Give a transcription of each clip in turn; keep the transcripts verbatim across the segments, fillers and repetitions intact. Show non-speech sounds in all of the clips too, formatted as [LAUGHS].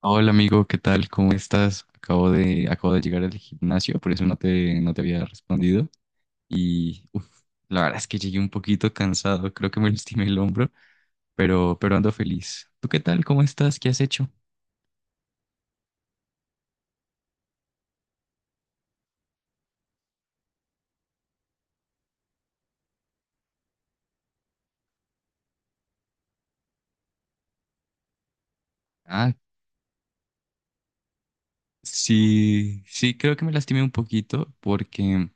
Hola amigo, ¿qué tal? ¿Cómo estás? Acabo de, acabo de llegar al gimnasio, por eso no te, no te había respondido. Y uf, la verdad es que llegué un poquito cansado, creo que me [LAUGHS] lastimé el hombro, pero, pero ando feliz. ¿Tú qué tal? ¿Cómo estás? ¿Qué has hecho? Ah, sí, sí, creo que me lastimé un poquito porque,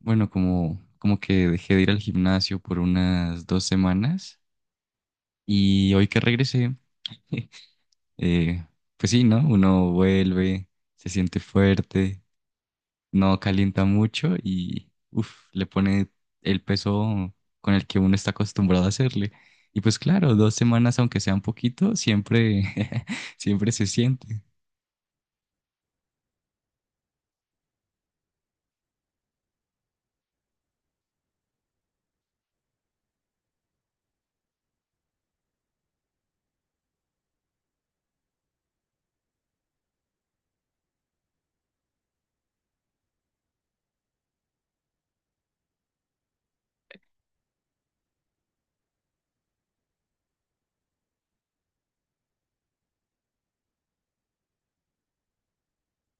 bueno, como, como que dejé de ir al gimnasio por unas dos semanas y hoy que regresé, [LAUGHS] eh, pues sí, ¿no? Uno vuelve, se siente fuerte, no calienta mucho y uf, le pone el peso con el que uno está acostumbrado a hacerle. Y pues claro, dos semanas, aunque sea un poquito, siempre, [LAUGHS] siempre se siente.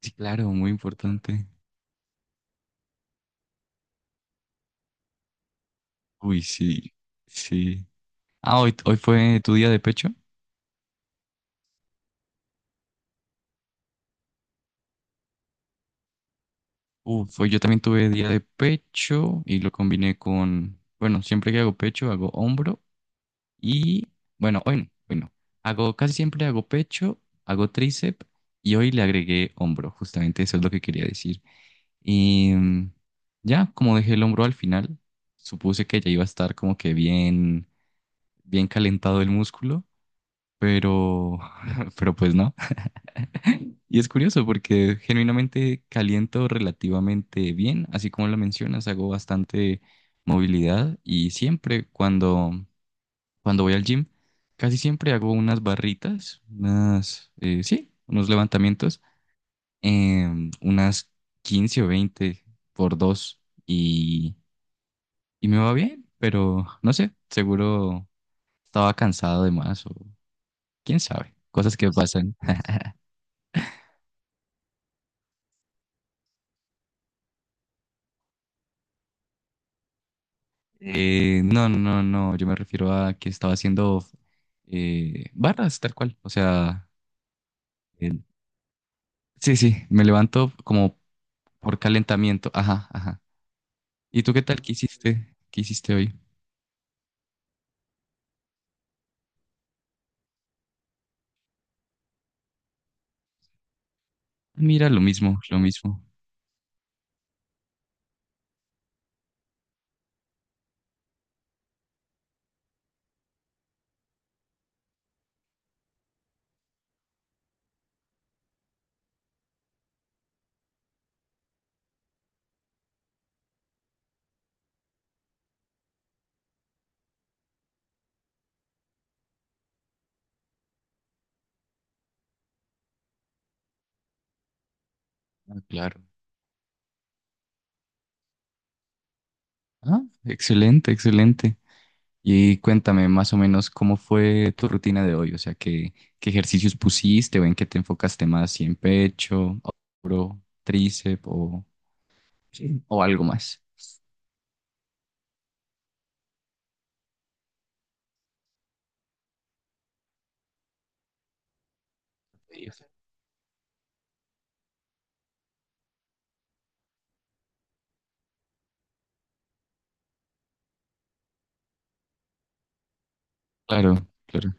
Sí, claro, muy importante. Uy, sí, sí. Ah, hoy, hoy fue tu día de pecho. Uf, hoy yo también tuve día de pecho y lo combiné con, bueno, siempre que hago pecho, hago hombro. Y bueno, hoy no, hoy no. Hago, casi siempre hago pecho, hago tríceps y hoy le agregué hombro. Justamente eso es lo que quería decir. Y mm, ya, como dejé el hombro al final, supuse que ya iba a estar como que bien, bien calentado el músculo, pero, [LAUGHS] pero pues no. [LAUGHS] Y es curioso porque genuinamente caliento relativamente bien, así como lo mencionas, hago bastante movilidad y siempre cuando cuando voy al gym, casi siempre hago unas barritas, unas, eh, sí, unos levantamientos, em, unas quince o veinte por dos y, y me va bien, pero no sé, seguro estaba cansado de más o quién sabe, cosas que pasan. Eh, no, no, no, no, yo me refiero a que estaba haciendo eh, barras tal cual, o sea, el- sí, sí, me levanto como por calentamiento, ajá, ajá. ¿Y tú qué tal? ¿Qué hiciste? ¿Qué hiciste hoy? Mira, lo mismo, lo mismo. Ah, claro. Ah, excelente, excelente. Y cuéntame más o menos cómo fue tu rutina de hoy, o sea, qué, qué ejercicios pusiste o en qué te enfocaste más, si en pecho, hombro, tríceps o, sí, o algo más. Sí, o sea, claro, claro.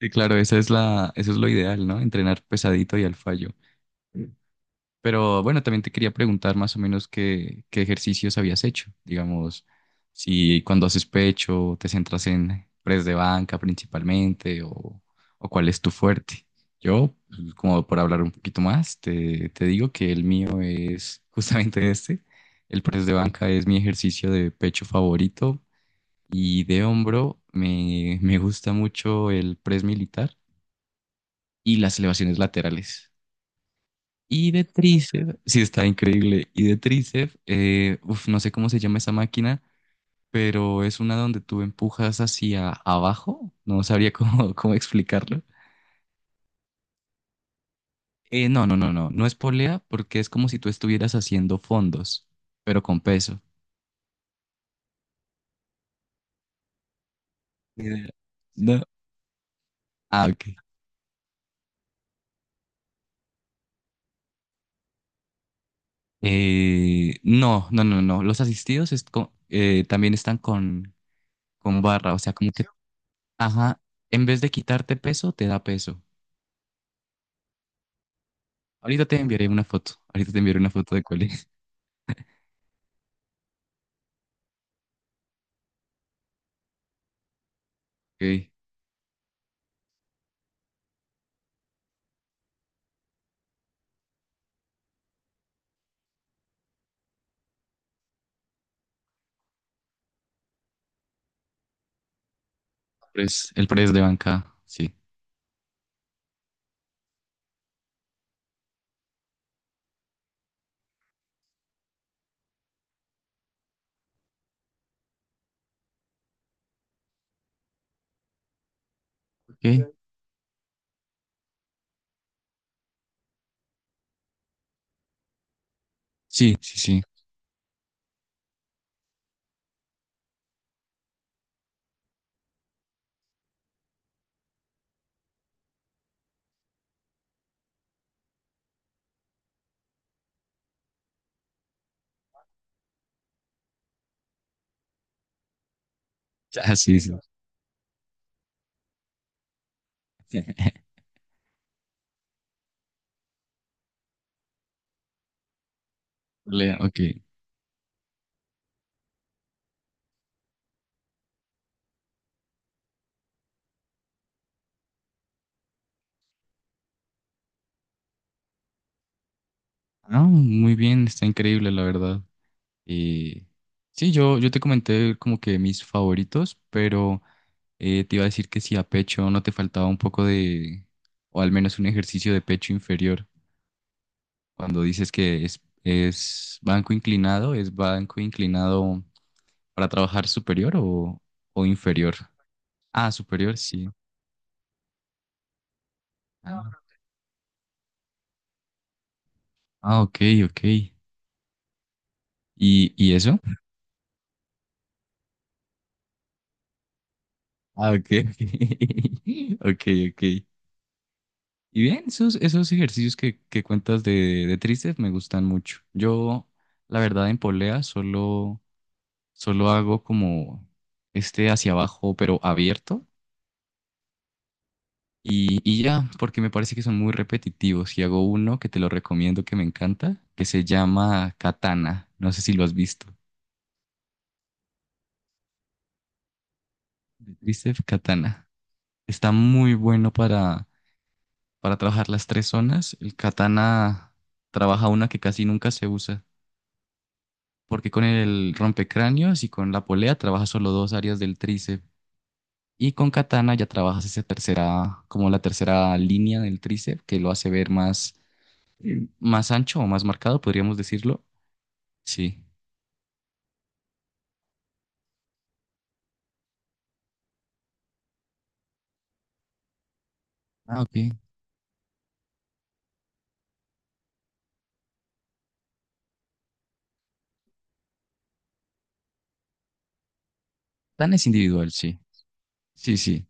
Sí, claro, esa es la, eso es lo ideal, ¿no? Entrenar pesadito y al fallo. Pero bueno, también te quería preguntar más o menos qué, qué ejercicios habías hecho. Digamos, si cuando haces pecho te centras en press de banca principalmente o, o cuál es tu fuerte. Yo, pues, como por hablar un poquito más, te, te digo que el mío es [LAUGHS] justamente este. El press de banca es mi ejercicio de pecho favorito y de hombro me, me gusta mucho el press militar y las elevaciones laterales. Y de tríceps, sí está increíble. Y de tríceps, eh, uf, no sé cómo se llama esa máquina, pero es una donde tú empujas hacia abajo. No sabría cómo, [LAUGHS] cómo explicarlo. Eh, no, no, no, no. No es polea porque es como si tú estuvieras haciendo fondos, pero con peso. Ni idea. No. Ah, ok. Eh, no, no, no, no. Los asistidos es co- eh, también están con, con barra, o sea, como que, ajá, en vez de quitarte peso, te da peso. Ahorita te enviaré una foto. Ahorita te enviaré una foto de cuál es. Ok. Pues, el press de banca. Sí. Ok. Sí, sí, sí. [LAUGHS] Ah, sí, sí. [LAUGHS] Lea, ok. Ah, muy bien. Está increíble, la verdad. Y sí, yo, yo te comenté como que mis favoritos, pero eh, te iba a decir que si a pecho no te faltaba un poco de, o al menos un ejercicio de pecho inferior. Cuando dices que es, es banco inclinado, ¿es banco inclinado para trabajar superior o, o inferior? Ah, superior, sí. Ah, ah, ok, ok. ¿Y, y eso? Ah, ok, ok. [LAUGHS] Ok, ok. Y bien, esos, esos ejercicios que, que cuentas de, de tristes me gustan mucho. Yo, la verdad, en polea solo, solo hago como este hacia abajo, pero abierto. Y, y ya, porque me parece que son muy repetitivos. Y hago uno que te lo recomiendo, que me encanta, que se llama Katana. No sé si lo has visto. De tríceps Katana. Está muy bueno para para trabajar las tres zonas. El katana trabaja una que casi nunca se usa, porque con el rompecráneos y con la polea trabaja solo dos áreas del tríceps. Y con katana ya trabajas esa tercera, como la tercera línea del tríceps, que lo hace ver más, sí, más ancho o más marcado, podríamos decirlo. Sí. Ah, ok. Katana es individual, sí. Sí, sí.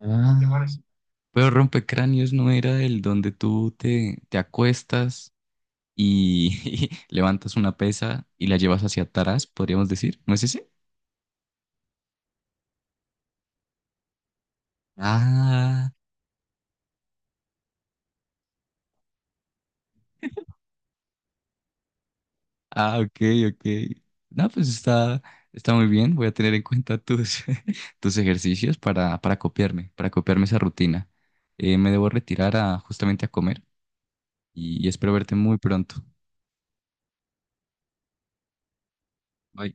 Ah. Pero rompecráneos no era el donde tú te, te acuestas y [LAUGHS] levantas una pesa y la llevas hacia atrás, podríamos decir. ¿No es ese? Ah, ah, ok, ok. No, pues está, está muy bien. Voy a tener en cuenta tus, [LAUGHS] tus ejercicios para, para copiarme, para copiarme esa rutina. Eh, me debo retirar a, justamente a comer y espero verte muy pronto. Bye.